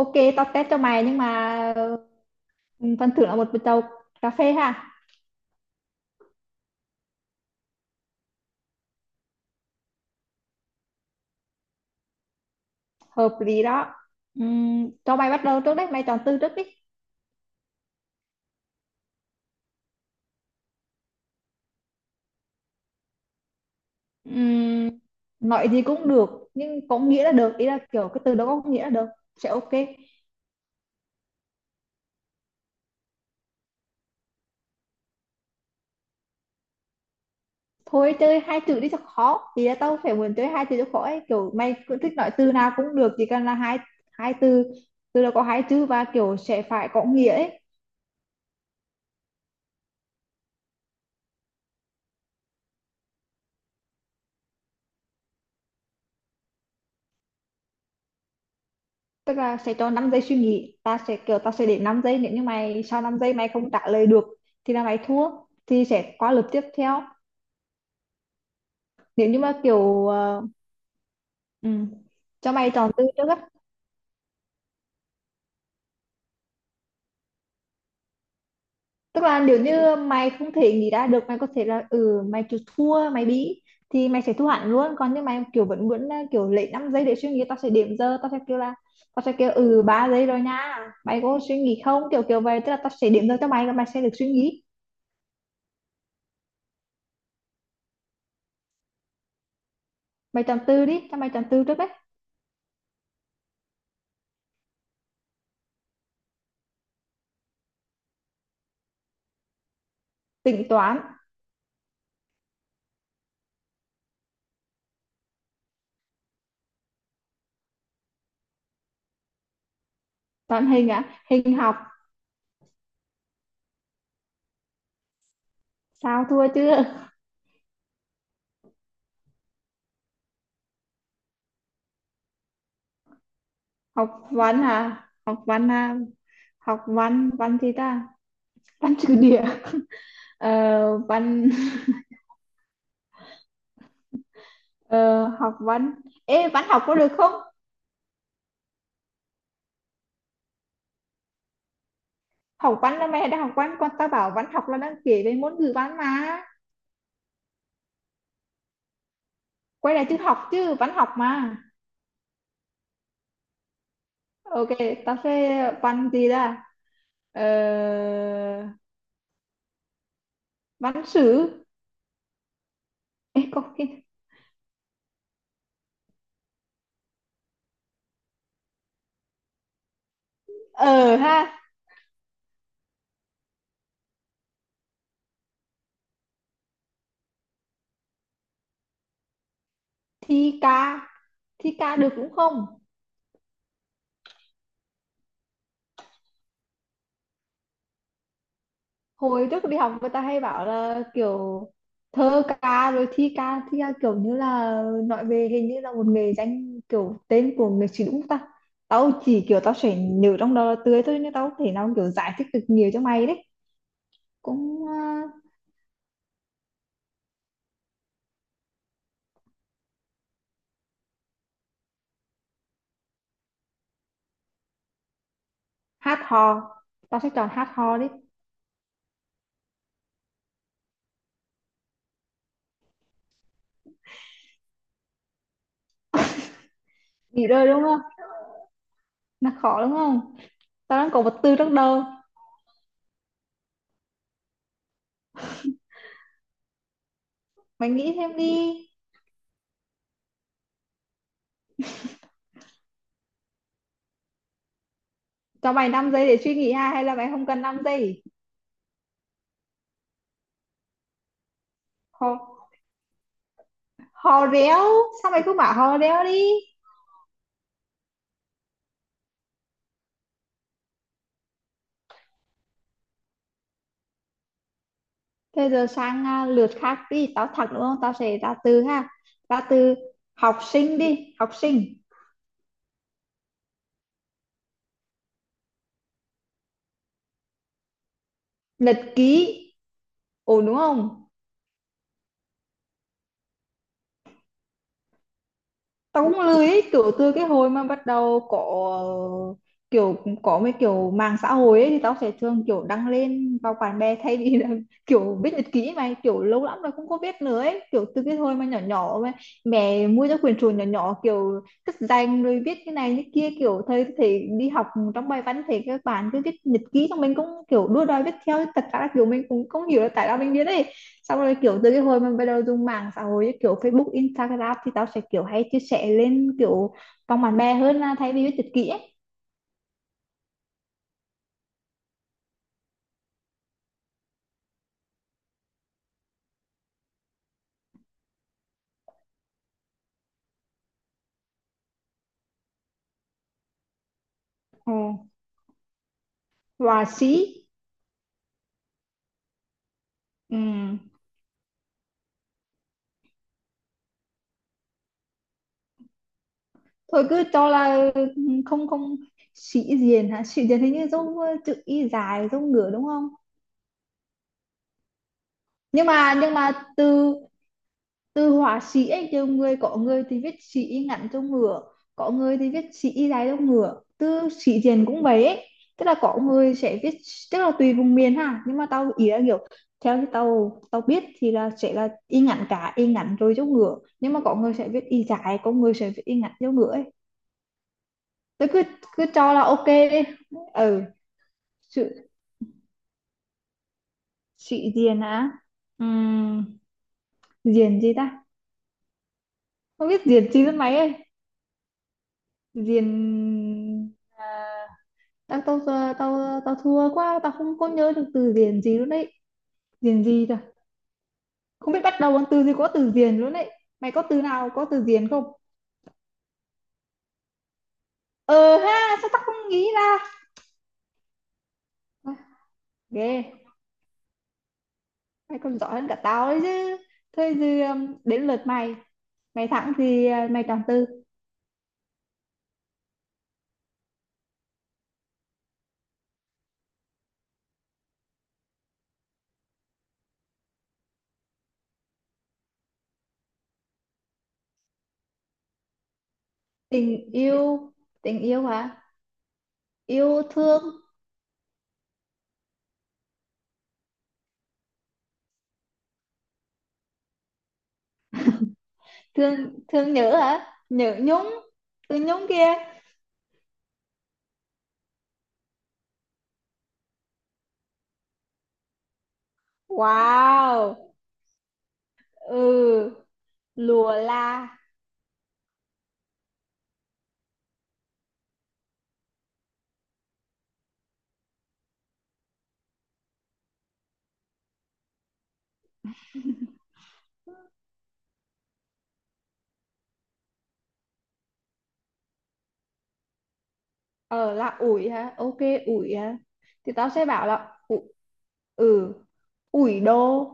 Ok, tao test cho mày nhưng mà ừ, phần thưởng là một bịch tàu cà phê ha. Hợp lý đó. Cho mày bắt đầu trước đấy, mày chọn từ trước đi. Ừm, nói gì cũng được, nhưng có nghĩa là được. Ý là kiểu cái từ đó có nghĩa là được. Sẽ ok. Thôi chơi hai chữ đi cho khó. Thì là tao phải muốn chơi hai chữ cho khó ấy. Kiểu mày cứ thích nói từ nào cũng được, chỉ cần là hai hai từ. Từ đó có hai chữ và kiểu sẽ phải có nghĩa ấy. Tức là sẽ cho 5 giây suy nghĩ, ta sẽ để 5 giây. Nếu như mày sau 5 giây mày không trả lời được thì là mày thua, thì sẽ qua lượt tiếp theo. Nếu như mà kiểu ừ, cho mày chọn từ trước á. Tức là nếu như mày không thể nghĩ ra được, mày có thể là mày chịu thua, mày bị thì mày sẽ thua hẳn luôn. Còn nếu mày kiểu vẫn muốn là kiểu lấy 5 giây để suy nghĩ, tao sẽ điểm giờ, tao sẽ kêu 3 giây rồi nha, mày có suy nghĩ không, kiểu kiểu vậy. Tức là tao sẽ điểm giờ cho mày và mày sẽ được suy nghĩ. Mày chọn từ đi, cho mày chọn từ trước đấy. Tính toán. Toán hình á, hình học. Sao thua chưa? Học văn à? Học văn à? Học văn, văn gì ta? Văn trừ địa. Ờ, văn ờ, học văn. Ê, văn học có được không? Học văn là mày đã học văn, con ta bảo văn học là đang kể về môn ngữ văn mà. Quay lại chữ học chứ, văn học mà. Ok, tao sẽ văn gì ta? Ờ, văn sử. Ê, có cái... Ờ ha, thi ca. Thi ca được cũng không? Hồi trước đi học người ta hay bảo là kiểu thơ ca rồi thi ca, thi ca kiểu như là nói về hình như là một nghề danh, kiểu tên của người sĩ đúng ta. Tao chỉ kiểu tao sẽ nhớ trong đầu là tươi thôi nên tao không thể nào kiểu giải thích được nhiều cho mày đấy. Cũng hát hò. Tao sẽ chọn hát hò đi. Nghĩ đời đúng không, là khó đúng không. Tao đang có một từ trong đầu. Mày nghĩ thêm đi. Cho mày 5 giây để suy nghĩ ha, hay là mày không cần 5 giây. Hò, hò réo. Sao mày cứ bảo hò réo đi. Thế giờ sang à, lượt khác đi, tao thật đúng không? Tao sẽ ra từ ha. Ra từ học sinh đi, học sinh. Nhật ký. Ổn đúng không? Tao cũng lười ấy, kiểu từ cái hồi mà bắt đầu có ờ, kiểu có mấy kiểu mạng xã hội ấy thì tao sẽ thường kiểu đăng lên vào bạn bè thay vì là kiểu viết nhật ký, mà kiểu lâu lắm rồi không có viết nữa ấy. Kiểu từ cái hồi mà nhỏ nhỏ mà mẹ mua cho quyển sổ nhỏ nhỏ, kiểu cất danh rồi viết cái này cái kia, kiểu thời thì đi học trong bài văn thì các bạn cứ viết nhật ký, xong mình cũng kiểu đua đòi viết theo. Thật ra là kiểu mình cũng không hiểu là tại sao mình viết ấy. Xong rồi kiểu từ cái hồi mình bắt đầu dùng mạng xã hội như kiểu Facebook, Instagram thì tao sẽ kiểu hay chia sẻ lên kiểu vòng bạn bè hơn là thay vì viết nhật ký ấy. Ừ. Và sĩ. Ừ. Thôi cứ cho là không không. Sĩ diện hả, sĩ diện hình như giống chữ y dài giống ngửa đúng không. Nhưng mà nhưng mà từ từ họa sĩ ấy, nhiều người có người thì viết sĩ ngắn cho ngựa, có người thì viết sĩ dài cho ngựa, từ sĩ diện cũng vậy ấy. Tức là có người sẽ viết, tức là tùy vùng miền ha, nhưng mà tao ý là kiểu theo như tao tao biết thì là sẽ là y ngắn, cả y ngắn rồi cho ngựa, nhưng mà có người sẽ viết y dài, có người sẽ viết y ngắn cho ngựa ấy. Tao cứ, cứ cho là ok đi. Ừ. Sự sĩ diện á. Ừm, diện gì ta, không biết diện gì lắm mấy ơi. Diện à, tao tao giờ tao tao thua quá, tao không có nhớ được từ điển gì luôn đấy, điển gì cả, không biết bắt đầu bằng từ gì có từ điển luôn đấy. Mày có từ nào có từ điển không. Ờ ha sao tao không nghĩ ra. À, ghê. Mày còn giỏi hơn cả tao đấy chứ. Thôi thì đến lượt mày, mày thắng thì mày chọn từ. Tình yêu. Tình yêu hả, yêu thương. Thương, thương nhớ hả, nhớ nhung. Từ nhung kia. Wow. Ừ. Lùa la. Ờ là ủi hả, ok. Ủi hả, thì tao sẽ bảo là ủi. Ừ. Ủi đồ.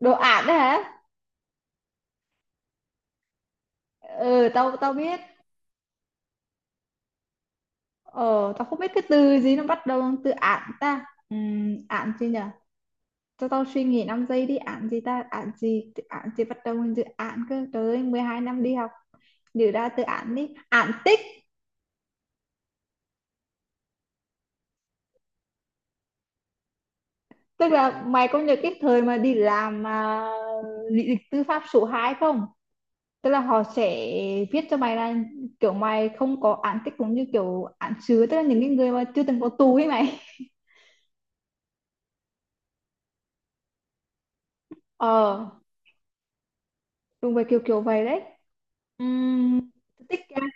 Đồ ản đấy hả. Ừ tao tao biết. Ờ tao không biết cái từ gì nó bắt đầu bằng từ ản ta. Ản gì nhở. Cho tao suy nghĩ 5 giây đi. Ản gì ta, ản gì, ản gì bắt đầu bằng từ ản cơ. Trời ơi, 12 năm đi học, nhớ ra từ ản đi. Ản tích. Tức là mày có nhớ cái thời mà đi làm mà lý lịch tư pháp số 2 không. Tức là họ sẽ viết cho mày là kiểu mày không có án tích, cũng như kiểu án sứ, tức là những cái người mà chưa từng có tù ấy mày. Ờ đúng vậy, kiểu kiểu vậy đấy. Ừm, tích ra.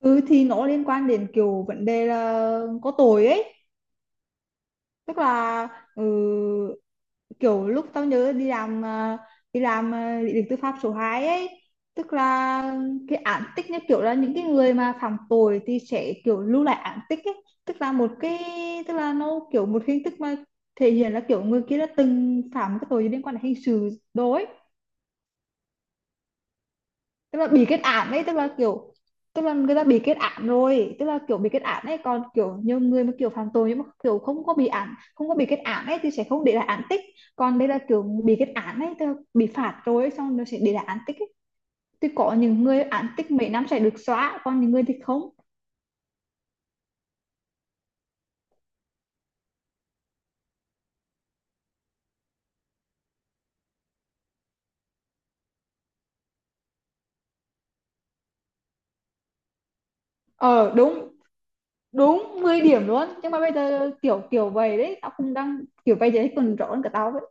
Ừ, thì nó liên quan đến kiểu vấn đề là có tội ấy. Tức là ừ, kiểu lúc tao nhớ đi làm đi làm lý lịch tư pháp số 2 ấy, tức là cái án tích như kiểu là những cái người mà phạm tội thì sẽ kiểu lưu lại án tích ấy. Tức là một cái, tức là nó kiểu một hình thức mà thể hiện là kiểu người kia đã từng phạm cái tội liên quan đến hình sự. Đối. Tức là bị kết án ấy, tức là kiểu, tức là người ta bị kết án rồi, tức là kiểu bị kết án ấy. Còn kiểu nhiều người mà kiểu phạm tội nhưng mà kiểu không có bị án, không có bị kết án ấy, thì sẽ không để lại án tích. Còn đây là kiểu bị kết án ấy, tức là bị phạt rồi ấy, xong nó sẽ để lại án tích ấy. Thì có những người án tích mấy năm sẽ được xóa, còn những người thì không. Ờ đúng, đúng 10 điểm luôn. Nhưng mà bây giờ kiểu kiểu vậy đấy, tao cũng đang kiểu bây giờ còn rõ hơn cả tao vậy.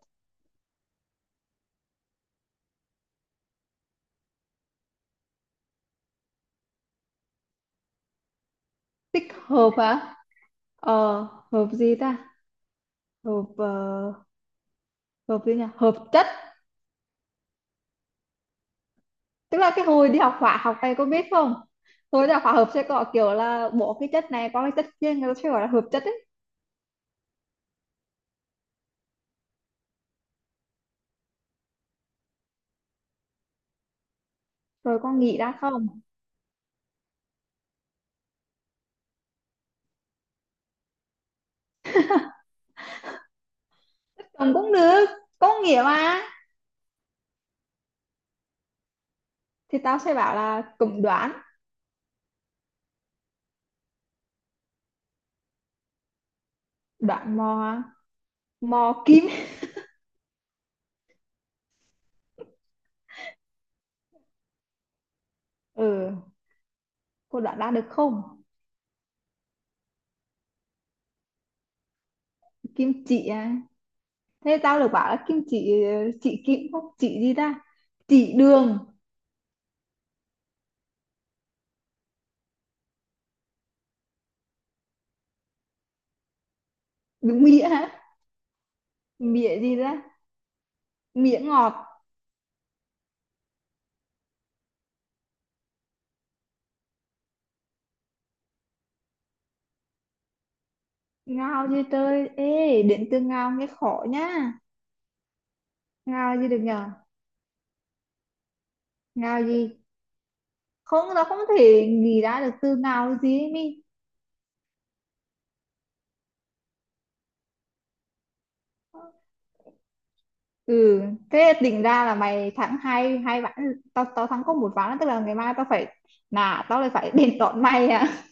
Tích hợp hả. Ờ. Hợp gì ta, hợp hợp gì nhỉ, hợp chất. Tức là cái hồi đi học hóa học này, cô biết không. Hồi đi học hóa học sẽ có kiểu là bỏ cái chất này qua cái chất kia, người ta sẽ gọi là hợp chất ấy. Rồi con nghĩ ra không. Chồng cũng được, có nghĩa mà. Thì tao sẽ bảo là cũng đoán. Đoán mò. Mò kim. Ừ. Cô đoán ra được không. Kim chỉ à, thế tao được bảo là kim chỉ. Chỉ kim không, chỉ gì ta, chỉ đường. Đúng nghĩa hả. Mía gì ra, mía ngọt. Ngao gì trời, ê đến từ ngao nghe khó nhá. Ngao gì được nhờ, ngao gì. Không, nó không thể nghĩ ra được từ nào cái gì ấy mi. Ừ. Thế định ra là mày thắng hai hai ván, tao tao thắng có một ván, tức là ngày mai tao phải, nà tao lại phải đền đòn mày à.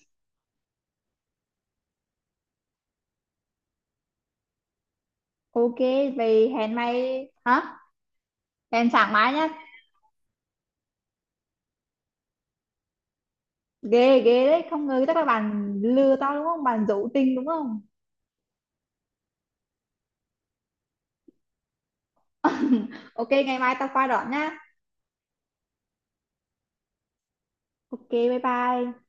Ok vậy hẹn mày hả, hẹn sáng mai nhá. Ghê ghê đấy, không ngờ, chắc là bạn lừa tao đúng không, bạn giấu tình đúng không. Ok ngày mai tao qua đón nhá. Ok bye bye.